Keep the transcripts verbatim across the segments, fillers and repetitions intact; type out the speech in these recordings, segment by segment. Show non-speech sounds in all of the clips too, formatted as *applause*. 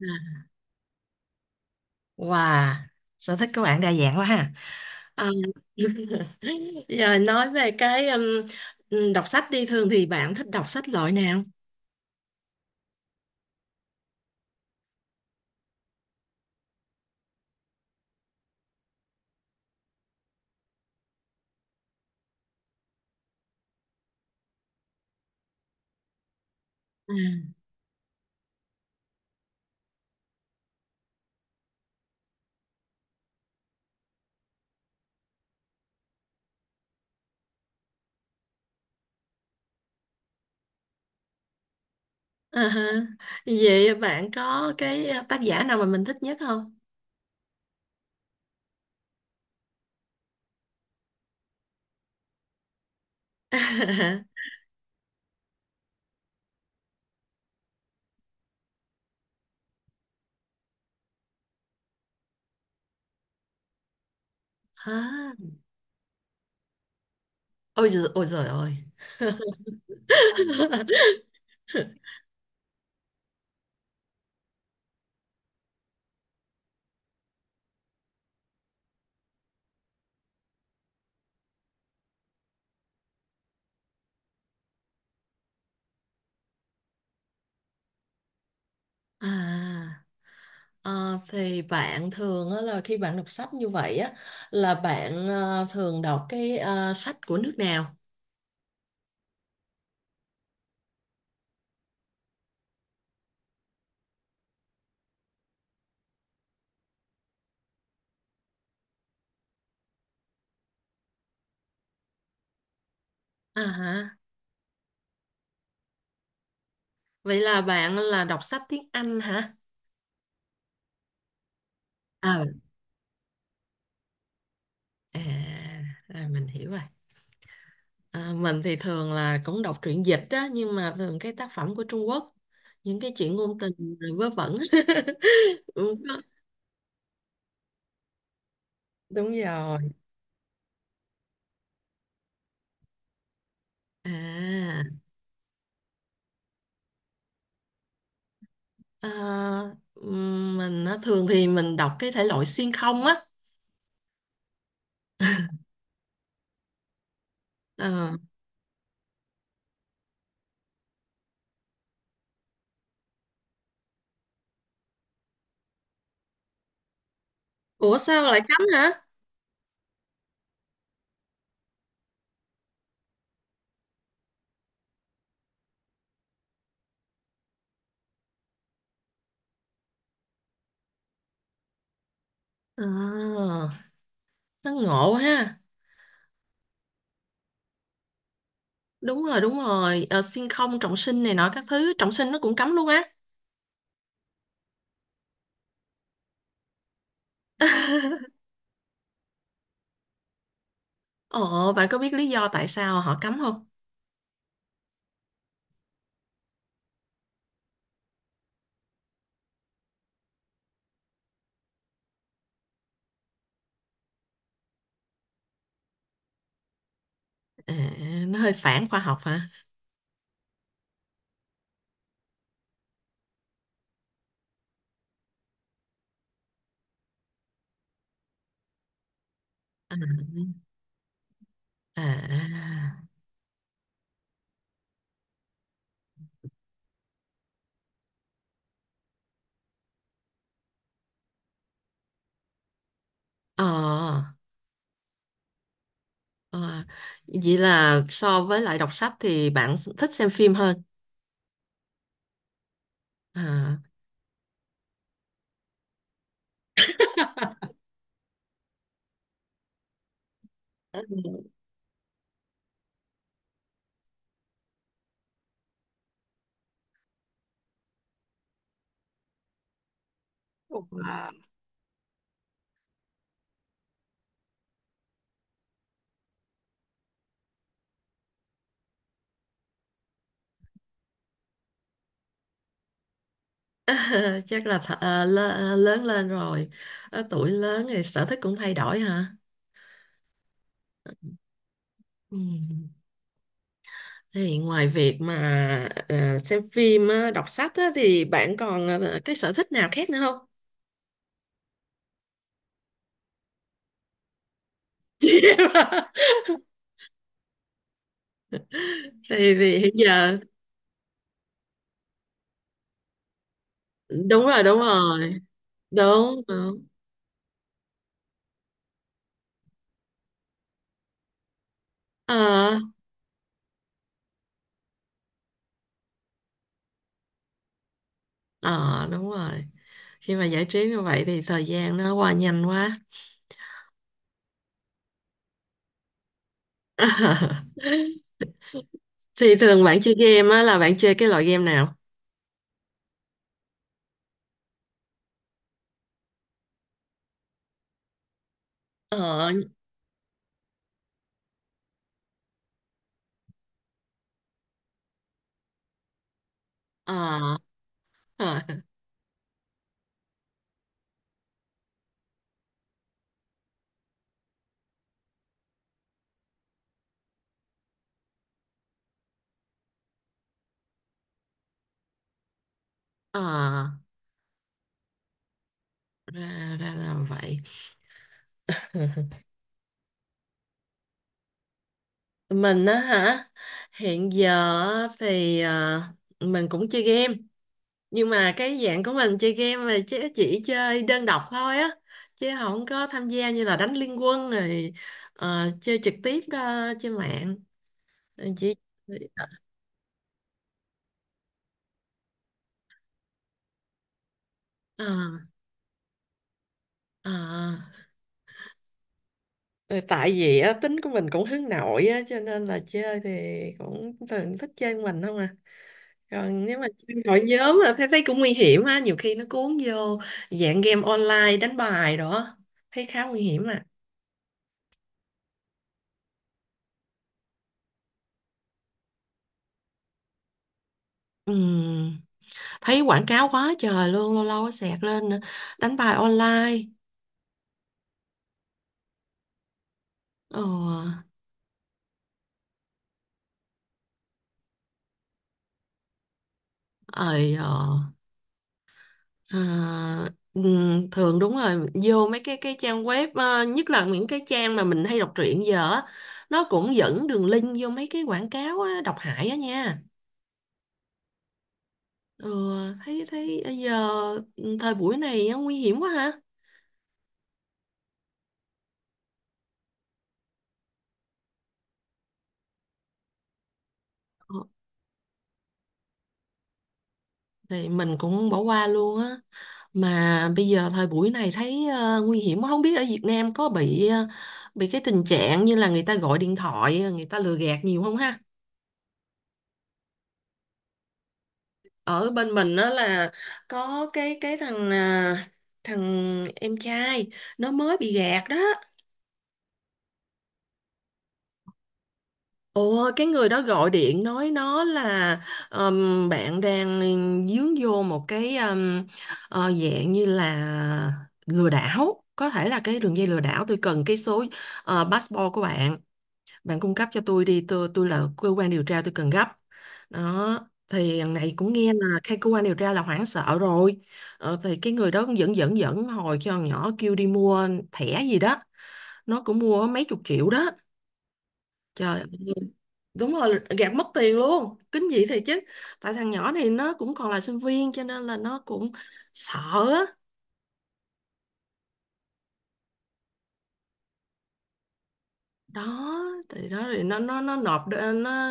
À, Wow, sở thích của bạn đa dạng quá ha. À, *laughs* giờ nói về cái um, ừ, đọc sách đi, thường thì bạn thích đọc sách loại nào? À. À ha. Vậy bạn có cái tác giả nào mà mình thích nhất không? *laughs* À. Ôi giời ôi giời ơi. *laughs* À, ờ, thì bạn thường á, là khi bạn đọc sách như vậy á là bạn ờ, thường đọc cái ờ, sách của nước nào? À, hả? Vậy là bạn là đọc sách tiếng Anh hả? Ờ, à, à mình hiểu rồi. À, mình thì thường là cũng đọc truyện dịch á, nhưng mà thường cái tác phẩm của Trung Quốc, những cái chuyện ngôn tình rồi vớ vẩn. *laughs* Đúng đó. Đúng rồi. À, à ừm, mình á, thường thì mình đọc cái thể loại xuyên không á. Ờ. Ủa sao lại cấm hả? À, nó ngộ ha. Đúng rồi, đúng rồi. Ờ, xuyên không trọng sinh này nọ các thứ, trọng sinh nó cũng cấm luôn á. *laughs* Ồ, bạn có biết lý do tại sao họ cấm không? À, nó hơi phản khoa học hả? À, à. ờ, ờ, Vậy là so với lại đọc sách thì bạn thích xem phim hơn. À, *laughs* chắc là th à, lớ- lớn lên rồi, ờ, tuổi lớn thì sở thích cũng thay đổi hả? Ừ. Thì ngoài việc mà à, xem phim, á, đọc sách á, thì bạn còn à, cái sở thích nào khác nữa không? *laughs* thì, thì hiện giờ đúng rồi, đúng rồi, đúng đúng. ờ ờ Đúng rồi, khi mà giải trí như vậy thì thời gian nó qua nhanh quá. *laughs* Thì thường bạn chơi game á là bạn chơi cái loại game nào? ờ ờ ờ ờ ra ra là vậy. *laughs* Mình á hả? Hiện giờ á thì ờ, mình cũng chơi game, nhưng mà cái dạng của mình chơi game mà chỉ, chỉ chơi đơn độc thôi á, chứ không có tham gia như là đánh liên quân rồi ờ, chơi trực tiếp đó, trên mạng. Rồi chỉ. Ờ, ờ. Ờ, tại vì á, tính của mình cũng hướng nội á cho nên là chơi thì cũng thường thích chơi mình không à, còn nếu mà chơi hội nhóm là thấy thấy cũng nguy hiểm ha, nhiều khi nó cuốn vô dạng game online đánh bài đó, thấy khá nguy hiểm à. Ừ, thấy quảng cáo quá trời luôn, lâu lâu nó xẹt lên đánh bài online. ờ ơi ờ, à, ừm, Thường đúng rồi, vô mấy cái cái trang web, ờ, nhất là những cái trang mà mình hay đọc truyện giờ á, nó cũng dẫn đường link vô mấy cái quảng cáo á, độc hại á nha. ừ, thấy thấy giờ ừ, thời buổi này á, nguy hiểm quá ha. Ờ, thì mình cũng bỏ qua luôn á, mà bây giờ thời buổi này thấy ờ, nguy hiểm quá. Không biết ở Việt Nam có bị ờ, bị cái tình trạng như là người ta gọi điện thoại ờ, người ta lừa gạt nhiều không ha? Ở bên mình đó là có cái cái thằng à, thằng em trai nó mới bị gạt đó. Ồ, cái người đó gọi điện nói nó là ừm, bạn đang dướng vô một cái ừm, ờ, dạng như là lừa đảo, có thể là cái đường dây lừa đảo. Tôi cần cái số ờ, passport của bạn, bạn cung cấp cho tôi đi, tôi tôi là cơ quan điều tra, tôi cần gấp đó. Thì thằng này cũng nghe là cái cơ quan điều tra là hoảng sợ rồi. Ờ, thì cái người đó cũng dẫn dẫn dẫn hồi cho thằng nhỏ, kêu đi mua thẻ gì đó, nó cũng mua mấy chục triệu đó. Trời. Đúng rồi, gạt mất tiền luôn, kinh dị thiệt chứ. Tại thằng nhỏ này nó cũng còn là sinh viên cho nên là nó cũng sợ á. đó thì đó thì nó nó nó nộp đ- nó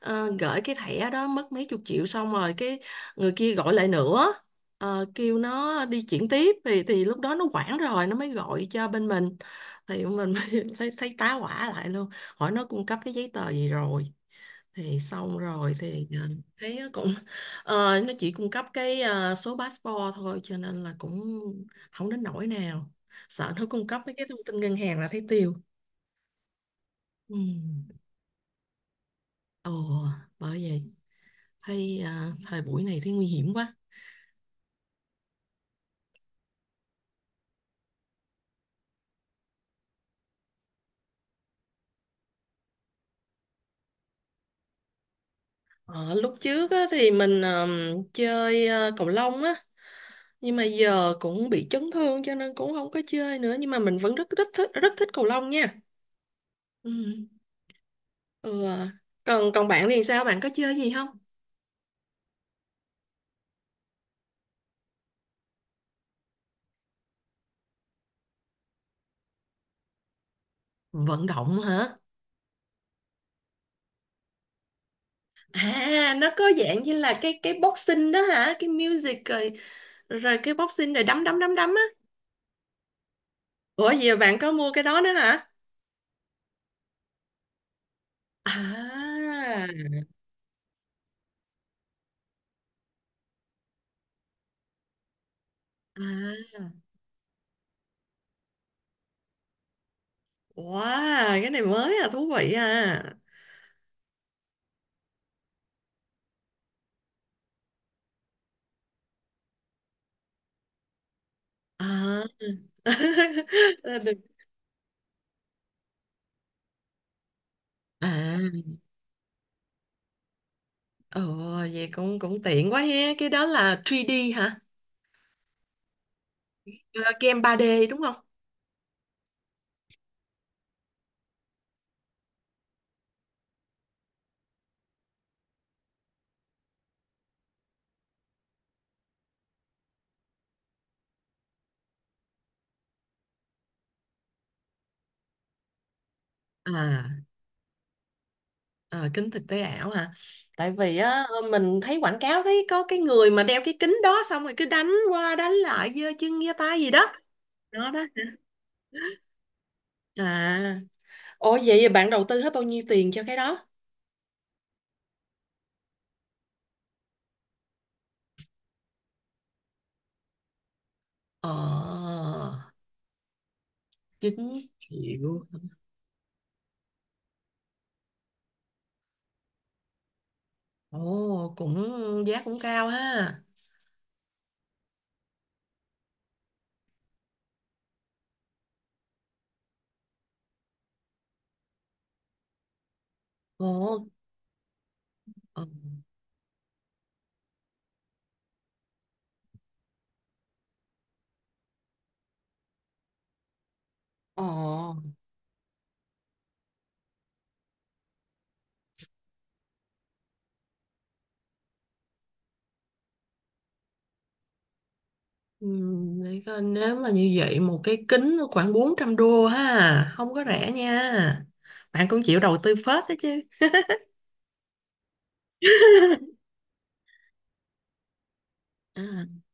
ờ, gửi cái thẻ đó mất mấy chục triệu, xong rồi cái người kia gọi lại nữa, ờ, kêu nó đi chuyển tiếp thì thì lúc đó nó hoảng rồi nó mới gọi cho bên mình, thì mình mới *laughs* thấy, thấy tá hỏa lại luôn, hỏi nó cung cấp cái giấy tờ gì rồi, thì xong rồi thì ờ, thấy nó cũng ờ, nó chỉ cung cấp cái ờ, số passport thôi cho nên là cũng không đến nỗi nào, sợ nó cung cấp mấy cái thông tin ngân hàng là thấy tiêu. Ừ. Ồ, bởi vậy thấy à, thời buổi này thấy nguy hiểm quá. Ờ, lúc trước á, thì mình ờm, chơi ờ, cầu lông á, nhưng mà giờ cũng bị chấn thương cho nên cũng không có chơi nữa, nhưng mà mình vẫn rất rất thích rất thích cầu lông nha. Ừ. Ừ. Còn còn bạn thì sao? Bạn có chơi gì không? Vận động hả? À, nó có dạng như là cái cái boxing đó hả? Cái music rồi rồi cái boxing rồi đấm đấm đấm đấm á. Ủa giờ bạn có mua cái đó nữa hả? À. À. Wow, cái này mới à, thú vị à. À. *laughs* Ra được. À, ồ, vậy cũng cũng tiện quá ha. Cái đó là three D hả? Ờ, Game ba đê đúng không? À, ờ, kính thực tế ảo hả? Tại vì á ờ, mình thấy quảng cáo thấy có cái người mà đeo cái kính đó xong rồi cứ đánh qua đánh lại giơ chân giơ tay gì đó. Đó đó. À, ồ vậy bạn đầu tư hết bao nhiêu tiền cho cái đó? Ờ, chính. Ồ, cũng giá cũng cao ha. Ồ, ờ, ờ, ừm, để coi, nếu mà như vậy một cái kính nó khoảng bốn trăm đô ha, không có rẻ nha. Bạn cũng chịu đầu tư phết đó chứ. À.